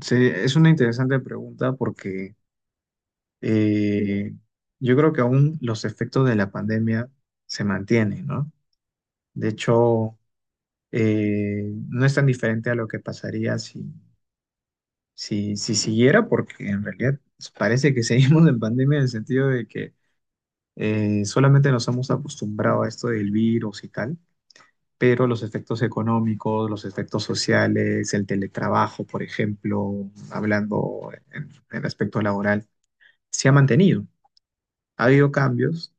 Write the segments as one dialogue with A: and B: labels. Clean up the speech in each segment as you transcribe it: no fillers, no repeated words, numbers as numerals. A: Sí, es una interesante pregunta porque eh, yo creo que aún los efectos de la pandemia se mantienen, ¿no? De hecho, no es tan diferente a lo que pasaría si siguiera, porque en realidad parece que seguimos en pandemia en el sentido de que solamente nos hemos acostumbrado a esto del virus y tal, pero los efectos económicos, los efectos sociales, el teletrabajo, por ejemplo, hablando en aspecto laboral se ha mantenido. Ha habido cambios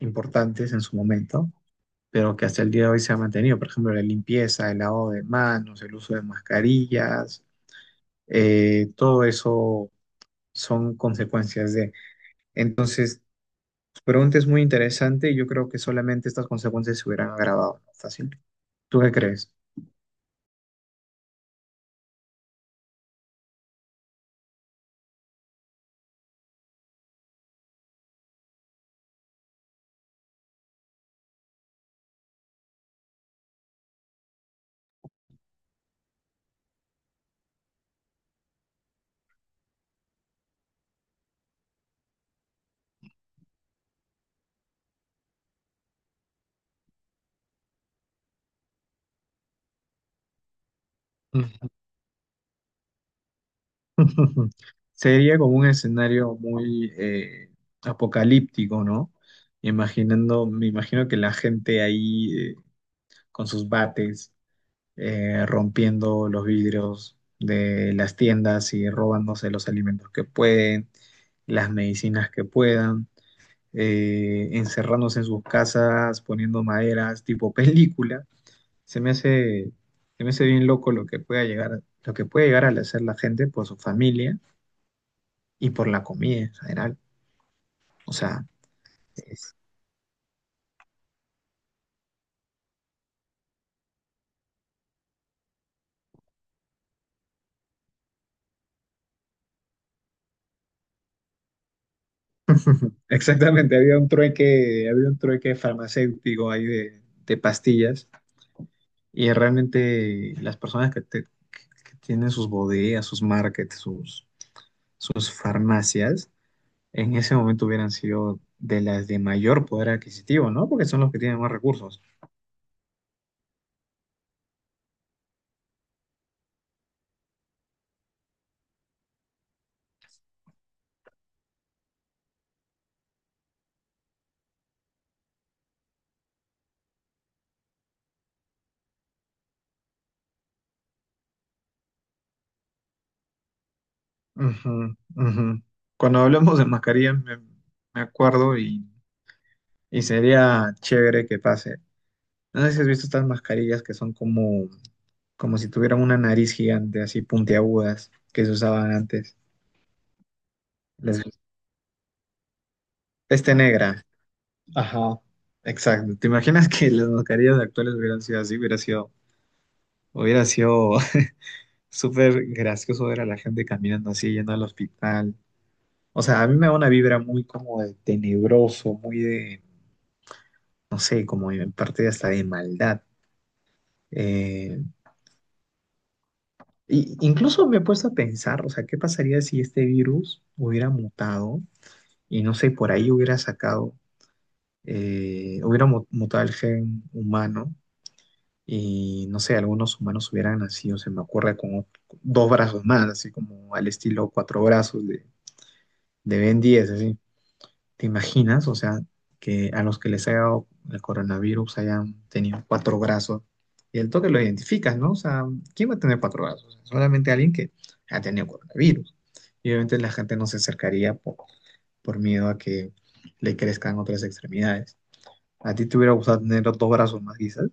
A: importantes en su momento, pero que hasta el día de hoy se ha mantenido. Por ejemplo, la limpieza, el lavado de manos, el uso de mascarillas, todo eso son consecuencias de. Entonces, tu pregunta es muy interesante y yo creo que solamente estas consecuencias se hubieran agravado, ¿no? Fácil. ¿Tú qué crees? Sería como un escenario muy apocalíptico, ¿no? Imaginando, me imagino que la gente ahí con sus bates rompiendo los vidrios de las tiendas y robándose los alimentos que pueden, las medicinas que puedan, encerrándose en sus casas, poniendo maderas, tipo película. Se me hace, se me hace bien loco lo que pueda llegar, lo que puede llegar a hacer la gente por su familia y por la comida en general. O sea, es- exactamente, había un trueque farmacéutico ahí de pastillas. Y realmente las personas que tienen sus bodegas, sus markets, sus farmacias, en ese momento hubieran sido de las de mayor poder adquisitivo, ¿no? Porque son los que tienen más recursos. Ujú, ujú. Cuando hablamos de mascarillas, me acuerdo y sería chévere que pase. No sé si has visto estas mascarillas que son como si tuvieran una nariz gigante, así puntiagudas, que se usaban antes. Las- Este negra. Ajá, exacto. ¿Te imaginas que las mascarillas actuales hubieran sido así? Hubiera sido súper gracioso ver a la gente caminando así, yendo al hospital. O sea, a mí me da una vibra muy como de tenebroso, muy de, no sé, como en parte hasta de maldad. Eh, y incluso me he puesto a pensar, o sea, ¿qué pasaría si este virus hubiera mutado y no sé, por ahí hubiera sacado, mutado el gen humano? Y no sé, algunos humanos hubieran nacido, se me ocurre, con dos brazos más, así como al estilo cuatro brazos de Ben 10, así. ¿Te imaginas? O sea, que a los que les haya dado el coronavirus hayan tenido cuatro brazos y el toque lo identificas, ¿no? O sea, ¿quién va a tener cuatro brazos? Solamente alguien que ha tenido coronavirus. Y obviamente la gente no se acercaría por miedo a que le crezcan otras extremidades. ¿A ti te hubiera gustado tener dos brazos más, quizás?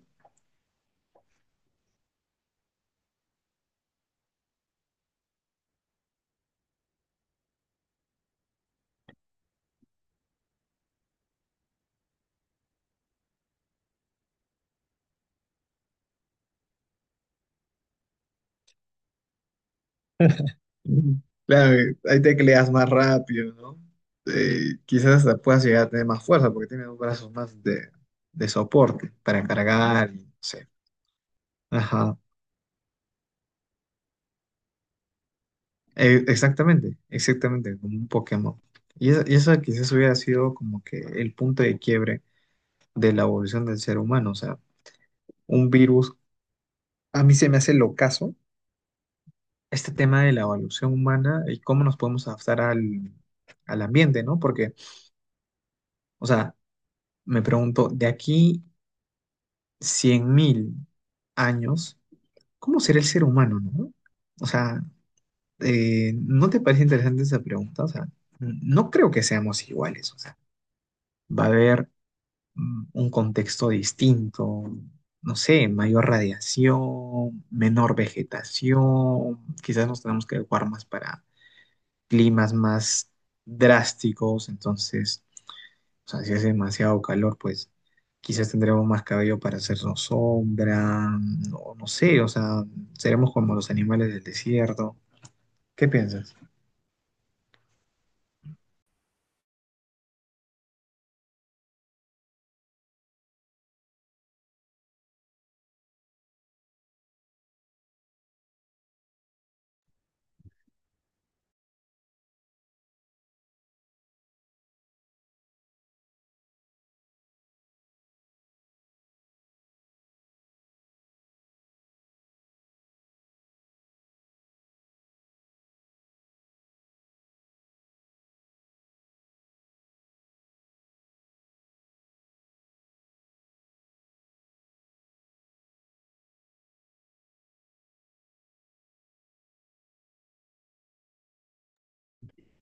A: Claro, ahí te cleas más rápido, ¿no? Quizás hasta puedas llegar a tener más fuerza porque tienes dos brazos más de soporte para cargar y no sé. Ajá, exactamente, exactamente, como un Pokémon. Y eso quizás hubiera sido como que el punto de quiebre de la evolución del ser humano. O sea, un virus, a mí se me hace locazo este tema de la evolución humana y cómo nos podemos adaptar al ambiente, ¿no? Porque, o sea, me pregunto, de aquí 100.000 años, ¿cómo será el ser humano, no? O sea, ¿no te parece interesante esa pregunta? O sea, no creo que seamos iguales, o sea, va a haber un contexto distinto, no sé, mayor radiación, menor vegetación, quizás nos tenemos que adecuar más para climas más drásticos. Entonces, o sea, si hace demasiado calor, pues quizás tendremos más cabello para hacernos sombra, no, no sé, o sea, seremos como los animales del desierto. ¿Qué piensas?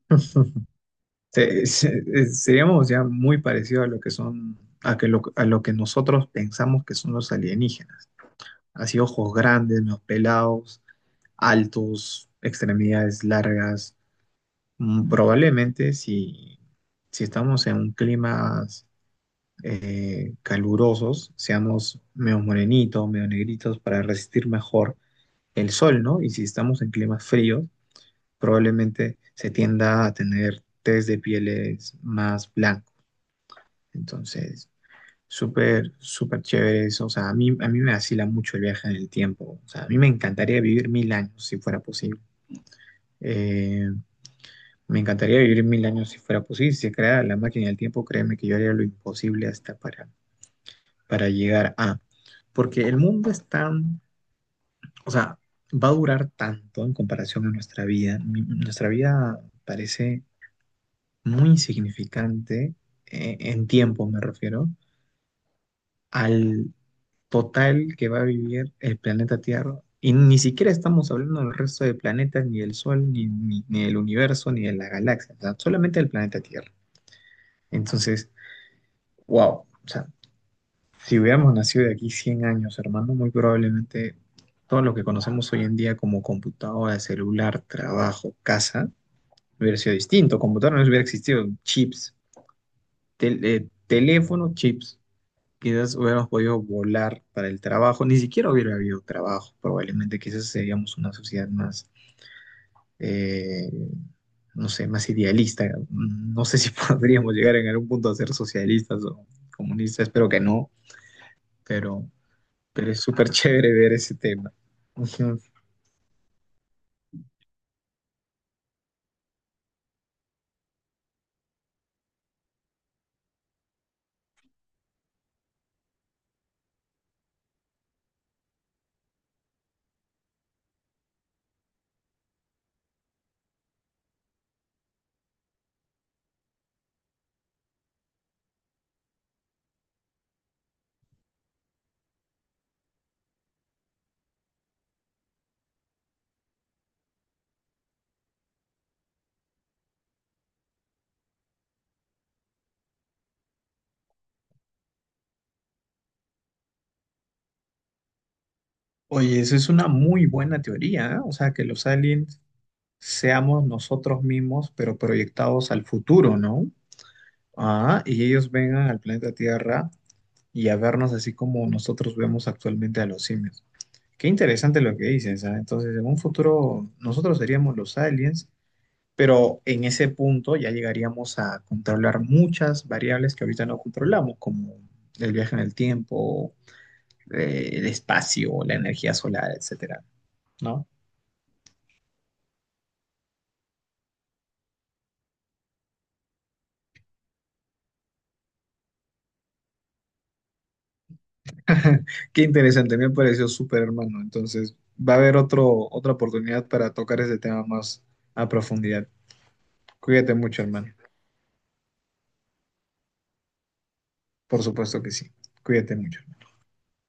A: Seríamos ya muy parecidos a lo que son, a lo que nosotros pensamos que son los alienígenas. Así ojos grandes, menos pelados, altos, extremidades largas. Probablemente si estamos en un clima calurosos, seamos medio morenitos, medio negritos, para resistir mejor el sol, ¿no? Y si estamos en climas fríos, probablemente se tienda a tener test de pieles más blancos. Entonces, súper, súper chévere eso. O sea, a mí me vacila mucho el viaje en el tiempo. O sea, a mí me encantaría vivir 1.000 años si fuera posible. Eh, me encantaría vivir mil años si fuera posible. Si se creara la máquina del tiempo, créeme que yo haría lo imposible hasta para llegar a. Porque el mundo es tan, o sea, va a durar tanto en comparación a nuestra vida. Nuestra vida parece muy insignificante en tiempo, me refiero, al total que va a vivir el planeta Tierra. Y ni siquiera estamos hablando del resto de planetas, ni del Sol, ni del universo, ni de la galaxia, o sea, solamente del planeta Tierra. Entonces, wow, o sea, si hubiéramos nacido de aquí 100 años, hermano, muy probablemente todo lo que conocemos hoy en día como computadora, celular, trabajo, casa, hubiera sido distinto. Computadora no hubiera existido, chips, teléfono, chips. Quizás hubiéramos podido volar para el trabajo, ni siquiera hubiera habido trabajo, probablemente. Quizás seríamos una sociedad más, eh, no sé, más idealista. No sé si podríamos llegar en algún punto a ser socialistas o comunistas, espero que no, pero... Pero es súper chévere ver ese tema. Ujú. Oye, esa es una muy buena teoría, ¿eh? O sea, que los aliens seamos nosotros mismos, pero proyectados al futuro, ¿no? Ah, y ellos vengan al planeta Tierra y a vernos así como nosotros vemos actualmente a los simios. Qué interesante lo que dices, ¿ah? Entonces, en un futuro nosotros seríamos los aliens, pero en ese punto ya llegaríamos a controlar muchas variables que ahorita no controlamos, como el viaje en el tiempo, el espacio, la energía solar, etcétera, ¿no? Qué interesante, me pareció súper hermano. Entonces, va a haber otra oportunidad para tocar ese tema más a profundidad. Cuídate mucho, hermano. Por supuesto que sí. Cuídate mucho.